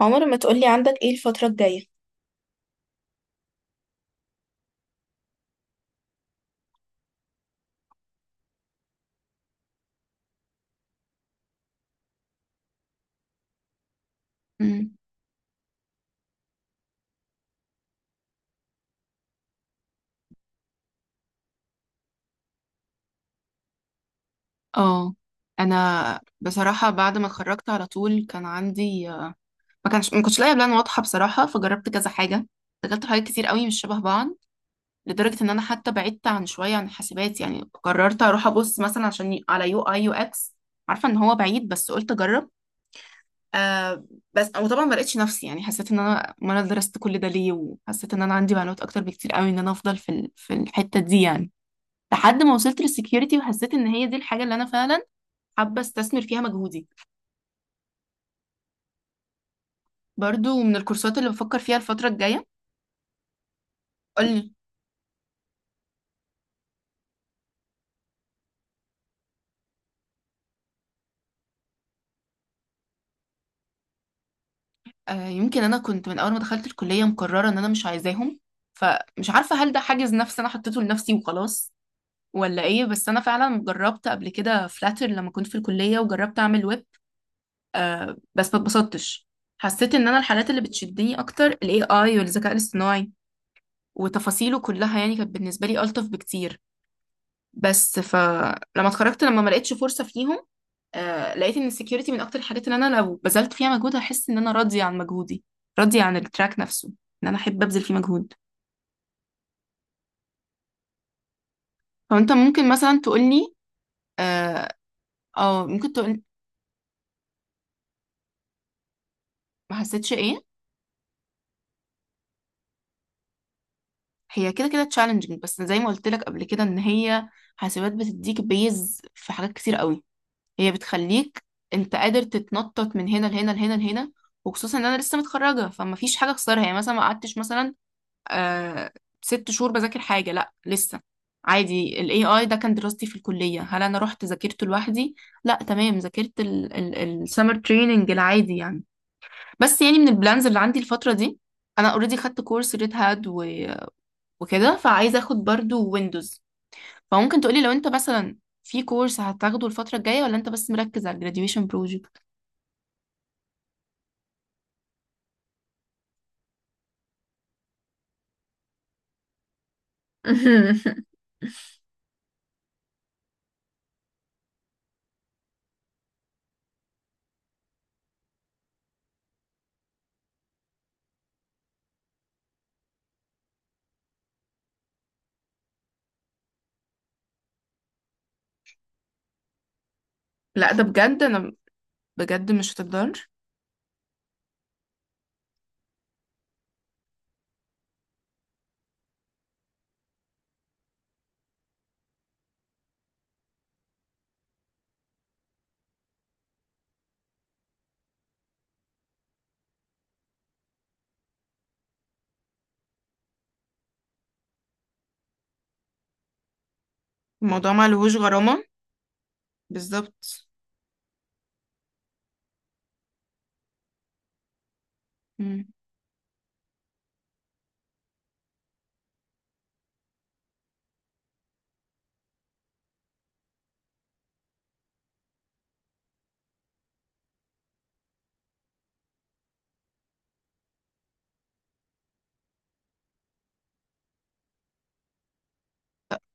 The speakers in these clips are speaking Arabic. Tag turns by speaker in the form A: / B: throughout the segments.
A: عمر ما تقولي عندك ايه الفترة الجاية؟ مم. اه، انا بصراحه بعد ما اتخرجت على طول كان عندي ما كنتش لاقيه بلان واضحه بصراحه، فجربت كذا حاجه. دخلت حاجات كتير قوي مش شبه بعض، لدرجه ان انا حتى بعدت عن شويه عن الحاسبات، يعني قررت اروح ابص مثلا عشان على UI/UX. عارفه ان هو بعيد بس قلت اجرب. آه. بس وطبعا ما لقيتش نفسي، يعني حسيت ان انا ما انا درست كل ده ليه، وحسيت ان انا عندي معلومات اكتر بكتير قوي ان انا افضل في في الحته دي، يعني لحد ما وصلت للسكيورتي، وحسيت ان هي دي الحاجة اللي انا فعلا حابة استثمر فيها مجهودي. برضو من الكورسات اللي بفكر فيها الفترة الجاية. قولي. آه، يمكن انا كنت من اول ما دخلت الكلية مقررة ان انا مش عايزاهم، فمش عارفة هل ده حاجز نفسي انا حطيته لنفسي وخلاص ولا ايه، بس انا فعلا جربت قبل كده فلاتر لما كنت في الكلية وجربت اعمل ويب. آه، بس ما اتبسطتش. حسيت ان انا الحاجات اللي بتشدني اكتر الاي اي والذكاء الاصطناعي وتفاصيله كلها، يعني كانت بالنسبة لي ألطف بكتير. بس فلما اتخرجت، لما ما لقيتش فرصة فيهم، آه لقيت ان السكيورتي من اكتر الحاجات اللي انا لو بذلت فيها مجهود هحس ان انا راضية عن مجهودي، راضية عن التراك نفسه، ان انا احب ابذل فيه مجهود. فانت ممكن مثلا تقولي اه، أو ممكن تقول ما حسيتش ايه. هي كده كده تشالنجينج، بس زي ما قلت لك قبل كده ان هي حاسبات بتديك بيز في حاجات كتير قوي. هي بتخليك انت قادر تتنطط من هنا لهنا لهنا لهنا. وخصوصا ان انا لسه متخرجه فما فيش حاجه اخسرها، يعني مثلا ما قعدتش مثلا آه 6 شهور بذاكر حاجة. لا لسه، عادي ال AI ده كان دراستي في الكلية. هل أنا رحت ذاكرته لوحدي؟ لا تمام، ذاكرت ال summer training العادي، يعني. بس يعني من البلانز اللي عندي الفترة دي، أنا already خدت كورس ريد هات وكده، فعايزة أخد برضو ويندوز. فممكن تقولي لو أنت مثلا في كورس هتاخده الفترة الجاية، ولا أنت بس مركز على ال graduation project؟ لا، ده بجد أنا بجد مش هتقدر. الموضوع ما لهوش غرامة. بالظبط.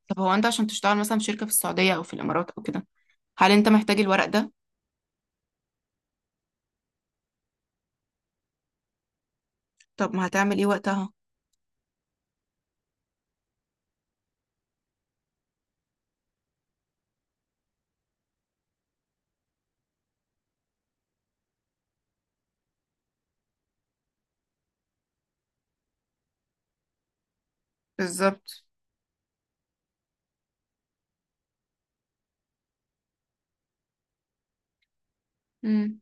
A: طب هو انت عشان تشتغل مثلا في شركة في السعودية او في الامارات او كده، هل انت محتاج الورق ده؟ طب ما هتعمل ايه وقتها؟ بالظبط. امم.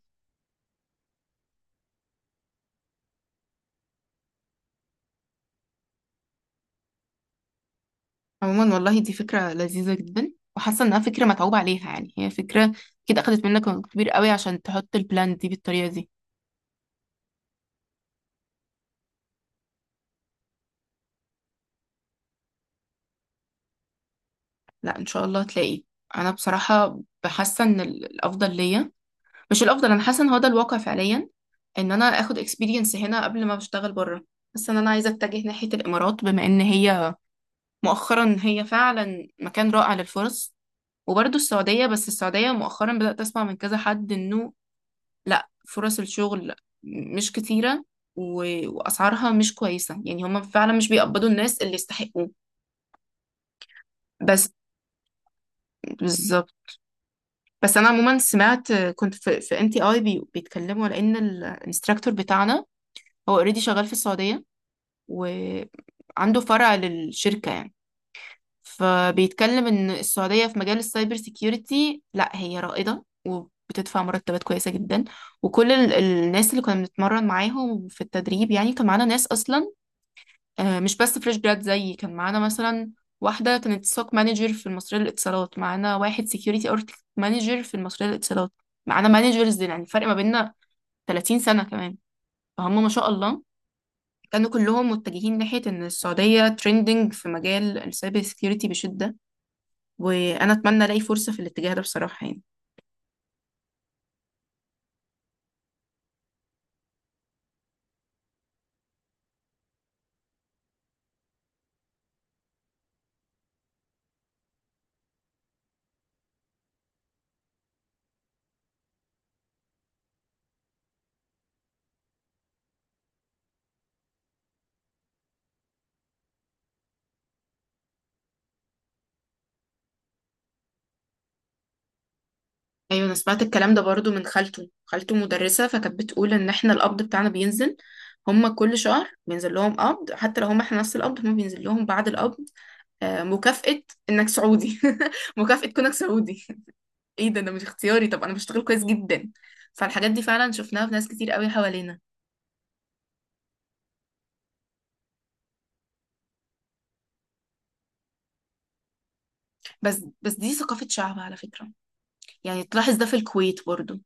A: عموما والله دي فكرة لذيذة جدا، وحاسة انها فكرة متعوب عليها، يعني هي فكرة كده اخدت منك وقت كبير قوي عشان تحط البلان دي بالطريقة دي. لا، ان شاء الله هتلاقي. انا بصراحة بحاسة ان الافضل ليا، مش الافضل، انا حاسة ان هو ده الواقع فعليا، ان انا اخد اكسبيرينس هنا قبل ما بشتغل بره. حاسة ان انا عايزة اتجه ناحية الامارات، بما ان هي مؤخرا هي فعلا مكان رائع للفرص. وبرضه السعودية، بس السعودية مؤخرا بدأت أسمع من كذا حد إنه لأ، فرص الشغل مش كتيرة، وأسعارها مش كويسة، يعني هما فعلا مش بيقبضوا الناس اللي يستحقوه. بس. بالظبط. بس أنا عموما سمعت، كنت في NTI بيتكلموا على إن الانستراكتور بتاعنا هو اوريدي شغال في السعودية، وعنده فرع للشركة، يعني. فبيتكلم ان السعودية في مجال السايبر سيكيورتي لا هي رائدة، وبتدفع مرتبات كويسة جدا. وكل الناس اللي كنا بنتمرن معاهم في التدريب، يعني كان معانا ناس اصلا، مش بس فريش جراد زيي. كان معانا مثلا واحدة كانت سوك مانجر في المصرية للاتصالات، معانا واحد سيكيورتي اركتكت مانجر في المصرية للاتصالات، معانا مانجرز يعني فرق ما بيننا 30 سنة كمان. فهم ما شاء الله كانوا كلهم متجهين ناحية ان السعودية ترندنج في مجال السايبر سيكيورتي بشدة. وانا اتمنى الاقي فرصة في الاتجاه ده بصراحة، يعني. ايوه، انا سمعت الكلام ده برضو من خالته، خالته مدرسة فكانت بتقول ان احنا القبض بتاعنا بينزل. هما كل شهر بينزل لهم قبض، حتى لو هما احنا نفس القبض هما بينزل لهم بعد القبض مكافأة انك سعودي. مكافأة كونك سعودي. ايه ده؟ ده مش اختياري؟ طب انا بشتغل كويس جدا. فالحاجات دي فعلا شفناها في ناس كتير قوي حوالينا. بس بس، دي ثقافة شعب على فكرة، يعني تلاحظ ده في الكويت برضو.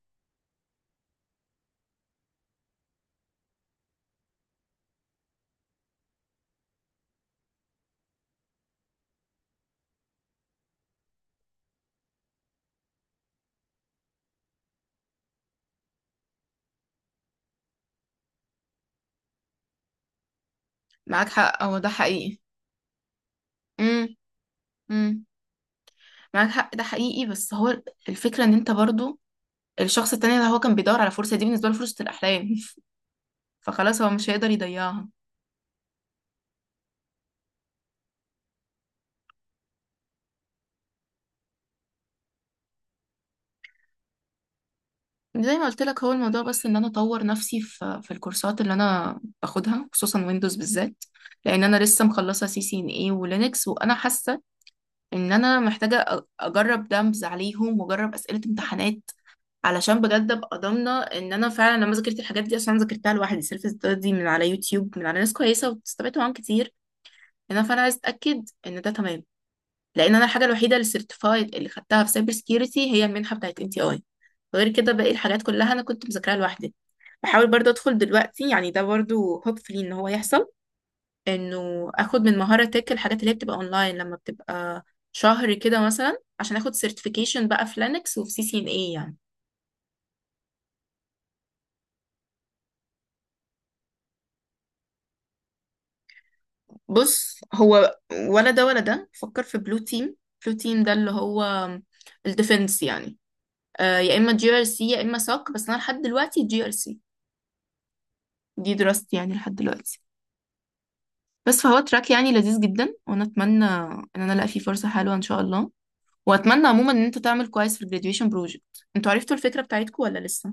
A: معاك حق، هو ده حقيقي. امم. امم. معاك حق، ده حقيقي، بس هو الفكرة ان انت برضو الشخص التاني ده هو كان بيدور على فرصة، دي بالنسبة له فرصة الأحلام. فخلاص هو مش هيقدر يضيعها. زي ما قلت لك، هو الموضوع بس ان انا اطور نفسي في الكورسات اللي انا باخدها، خصوصا ويندوز بالذات. لان انا لسه مخلصه CCNA ولينكس، وانا حاسه ان انا محتاجه اجرب دمز عليهم واجرب اسئله امتحانات، علشان بجد ابقى ضامنه ان انا فعلا لما ذاكرت الحاجات دي، عشان ذاكرتها لوحدي سيلف ستادي من على يوتيوب من على ناس كويسه، واستفدت معاهم كتير هنا. فانا عايز اتاكد ان ده تمام. لان انا الحاجه الوحيده اللي سيرتيفايد اللي خدتها في سايبر سكيورتي هي المنحه بتاعت NTI. غير كده باقي الحاجات كلها انا كنت مذاكراها لوحدي. بحاول برضو ادخل دلوقتي، يعني ده برضو هوبفلي ان هو يحصل، انه اخد من مهاره تك الحاجات اللي هي بتبقى اونلاين لما بتبقى شهر كده مثلا، عشان اخد سيرتيفيكيشن بقى في لينكس وفي سي سي ان اي، يعني. بص هو، ولا ده ولا ده، فكر في بلو تيم. بلو تيم ده اللي هو الديفنس، يعني. آه، يا اما GRC يا اما ساك، بس انا لحد دلوقتي جي ار سي دي دراستي، يعني لحد دلوقتي. بس فهو تراك يعني لذيذ جدا، وانا اتمنى ان انا الاقي فيه فرصه حلوه ان شاء الله. واتمنى عموما ان انت تعمل كويس في الجراديويشن بروجكت، انتوا عرفتوا الفكره بتاعتكم ولا لسه؟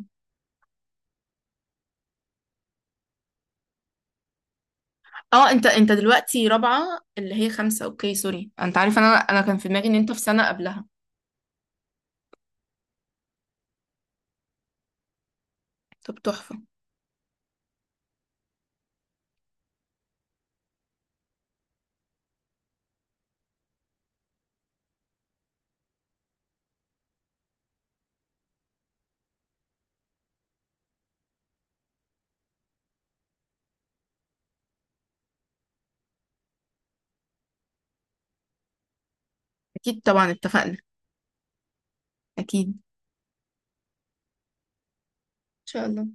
A: اه، انت دلوقتي رابعه اللي هي خمسه، اوكي سوري، انت عارف، انا كان في دماغي ان انت في سنه قبلها. طب تحفه. اكيد طبعا، اتفقنا. اكيد ان شاء الله.